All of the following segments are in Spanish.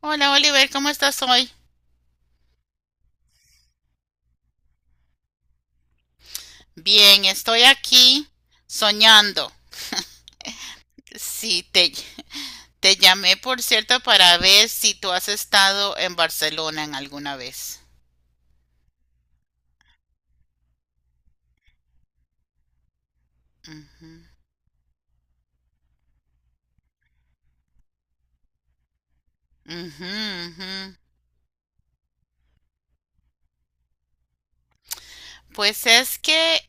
Hola Oliver, ¿cómo estás hoy? Bien, estoy aquí soñando. Sí, te llamé por cierto para ver si tú has estado en Barcelona en alguna vez. Ujú, ujú, ujú. Pues es que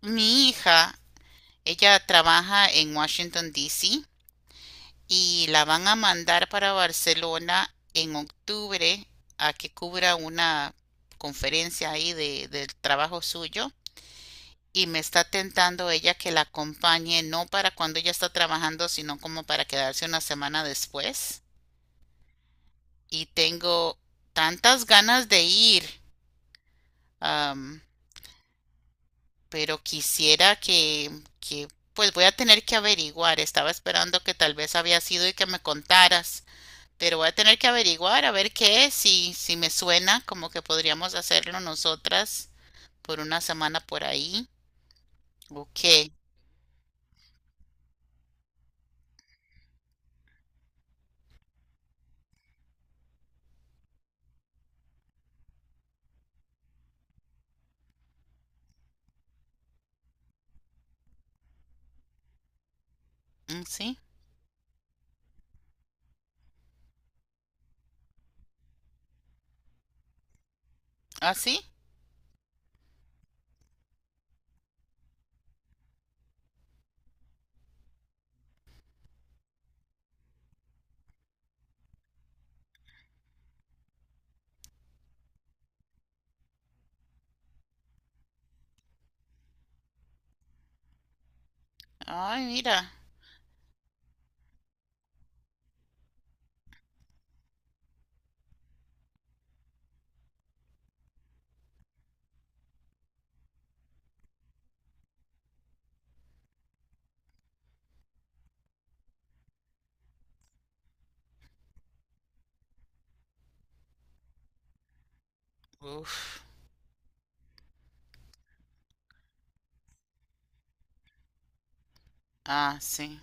mi hija, ella trabaja en Washington, D.C., y la van a mandar para Barcelona en octubre a que cubra una conferencia ahí del trabajo suyo. Y me está tentando ella que la acompañe, no para cuando ella está trabajando, sino como para quedarse una semana después. Y tengo tantas ganas de ir, am, pero quisiera que, pues voy a tener que averiguar. Estaba esperando que tal vez había sido y que me contaras, pero voy a tener que averiguar a ver qué es, si me suena como que podríamos hacerlo nosotras por una semana por ahí. Ok. Mm, sí, así. Ay, mira. Uf. Ah, sí,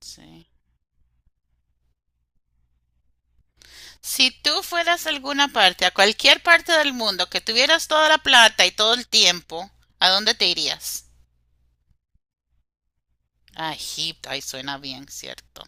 sí. Si tú fueras a alguna parte, a cualquier parte del mundo, que tuvieras toda la plata y todo el tiempo, ¿a dónde te irías? A Egipto, ahí suena bien, ¿cierto?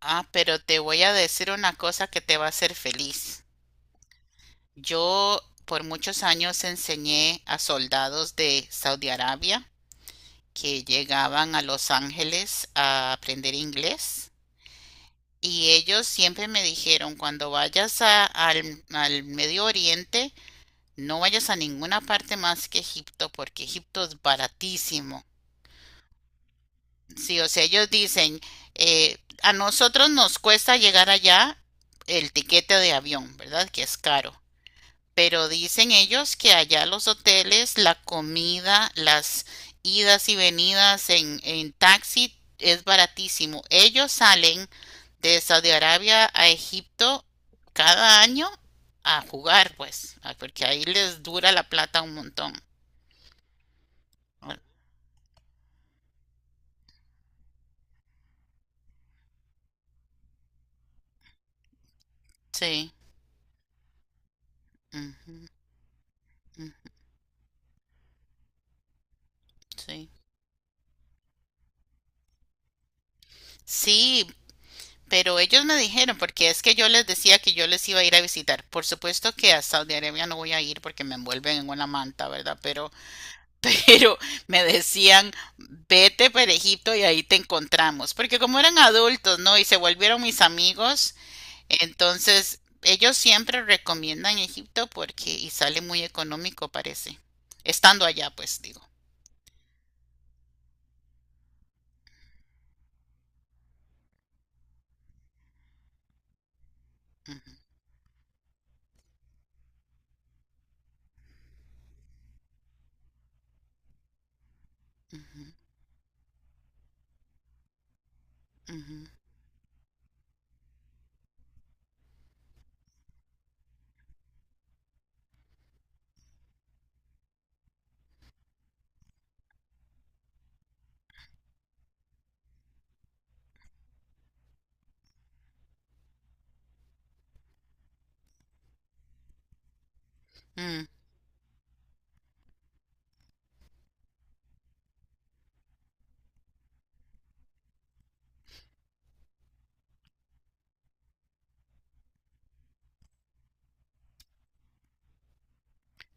Ah, pero te voy a decir una cosa que te va a hacer feliz. Yo por muchos años enseñé a soldados de Saudi Arabia que llegaban a Los Ángeles a aprender inglés, y ellos siempre me dijeron, cuando vayas al Medio Oriente, no vayas a ninguna parte más que Egipto porque Egipto es baratísimo. Sí, o sea, ellos dicen, a nosotros nos cuesta llegar allá, el tiquete de avión, ¿verdad? Que es caro. Pero dicen ellos que allá los hoteles, la comida, las idas y venidas en taxi es baratísimo. Ellos salen de Saudi Arabia a Egipto cada año a jugar, pues, ah, porque ahí les dura la plata un montón. Ah, sí, ujú, mm, sí. Sí, pero ellos me dijeron, porque es que yo les decía que yo les iba a ir a visitar. Por supuesto que a Saudi Arabia no voy a ir porque me envuelven en una manta, ¿verdad? Pero, pero me decían, vete para Egipto y ahí te encontramos. Porque como eran adultos, ¿no? Y se volvieron mis amigos, entonces ellos siempre recomiendan Egipto porque y sale muy económico, parece. Estando allá, pues digo. Ujú, ujú, ujú, ujú.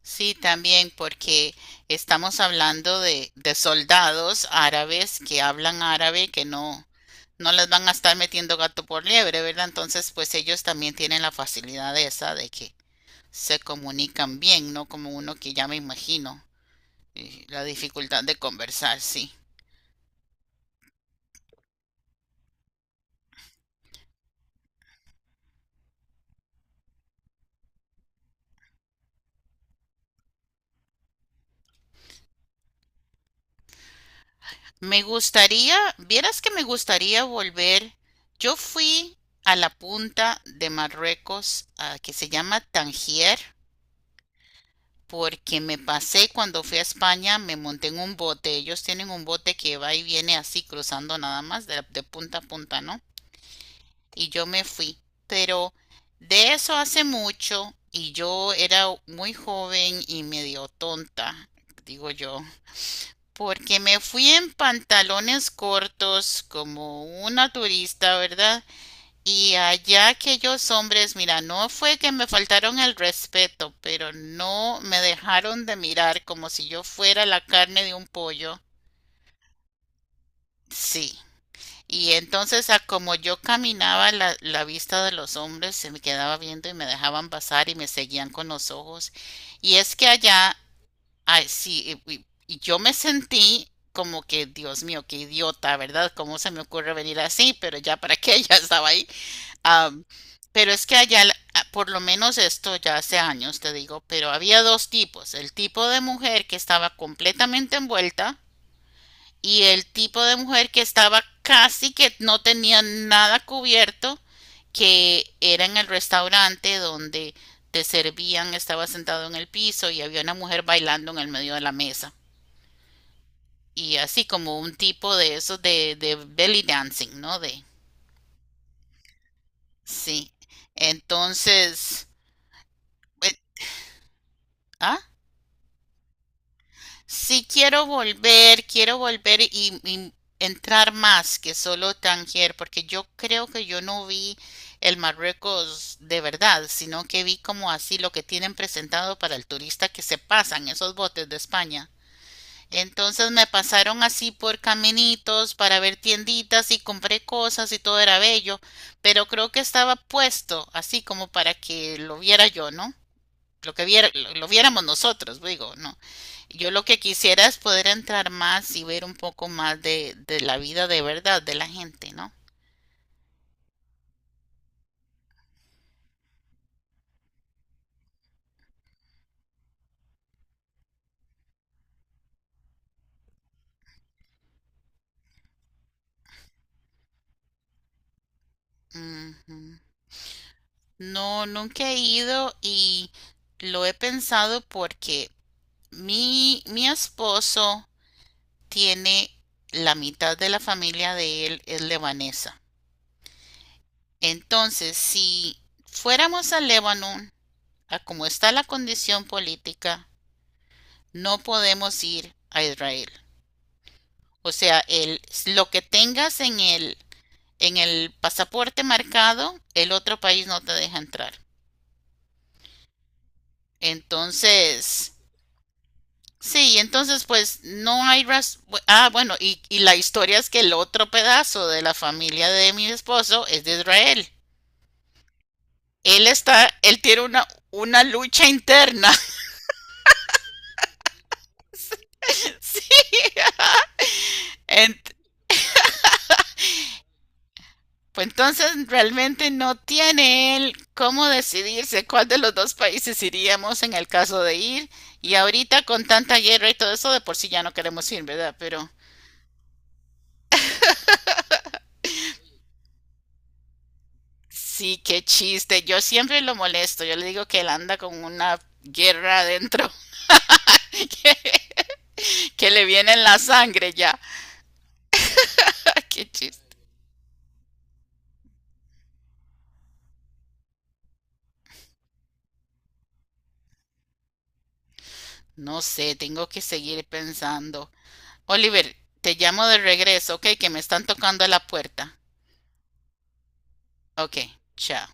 Sí, también porque estamos hablando de soldados árabes que hablan árabe, que no, no les van a estar metiendo gato por liebre, ¿verdad? Entonces, pues ellos también tienen la facilidad esa de que se comunican bien, ¿no? Como uno que ya me imagino, la dificultad de conversar, sí. Me gustaría, vieras que me gustaría volver. Yo fui a la punta de Marruecos, ah, que se llama Tangier, porque me pasé cuando fui a España, me monté en un bote. Ellos tienen un bote que va y viene así cruzando nada más de punta a punta, ¿no? Y yo me fui. Pero de eso hace mucho y yo era muy joven y medio tonta, digo yo, porque me fui en pantalones cortos como una turista, ¿verdad? Y allá aquellos hombres, mira, no fue que me faltaron el respeto, pero no me dejaron de mirar como si yo fuera la carne de un pollo. Sí. Y entonces, a como yo caminaba, la vista de los hombres se me quedaba viendo y me dejaban pasar y me seguían con los ojos. Y es que allá, ay, sí, y yo me sentí como que, Dios mío, qué idiota, ¿verdad? ¿Cómo se me ocurre venir así? Pero ya para qué, ya estaba ahí. Am, pero es que allá, por lo menos esto ya hace años, te digo, pero había dos tipos, el tipo de mujer que estaba completamente envuelta y el tipo de mujer que estaba casi que no tenía nada cubierto, que era en el restaurante donde te servían, estaba sentado en el piso y había una mujer bailando en el medio de la mesa. Y así como un tipo de esos de belly dancing, ¿no? De, sí. Entonces, eh, ¿ah? Sí quiero volver y entrar más que solo Tangier, porque yo creo que yo no vi el Marruecos de verdad, sino que vi como así lo que tienen presentado para el turista que se pasan esos botes de España. Entonces me pasaron así por caminitos para ver tienditas y compré cosas y todo era bello, pero creo que estaba puesto así como para que lo viera yo, ¿no? Lo que viera, lo viéramos nosotros, digo, ¿no? Yo lo que quisiera es poder entrar más y ver un poco más de la vida de verdad de la gente, ¿no? Ujú. No, nunca he ido y lo he pensado porque mi esposo tiene la mitad de la familia de él es lebanesa. Entonces, si fuéramos a Líbano, a como está la condición política, no podemos ir a Israel. O sea, el, lo que tengas en el pasaporte marcado, el otro país no te deja entrar. Entonces, sí, entonces pues no hay ras- Ah, bueno, y la historia es que el otro pedazo de la familia de mi esposo es de Israel. Él está, él tiene una lucha interna. Sí. Entonces, pues entonces realmente no tiene él cómo decidirse cuál de los dos países iríamos en el caso de ir. Y ahorita con tanta guerra y todo eso, de por sí ya no queremos ir, ¿verdad? Pero sí, qué chiste. Yo siempre lo molesto. Yo le digo que él anda con una guerra adentro, que, que le viene en la sangre ya. Qué chiste. No sé, tengo que seguir pensando. Oliver, te llamo de regreso, ¿ok? Que me están tocando a la puerta. Ok, chao.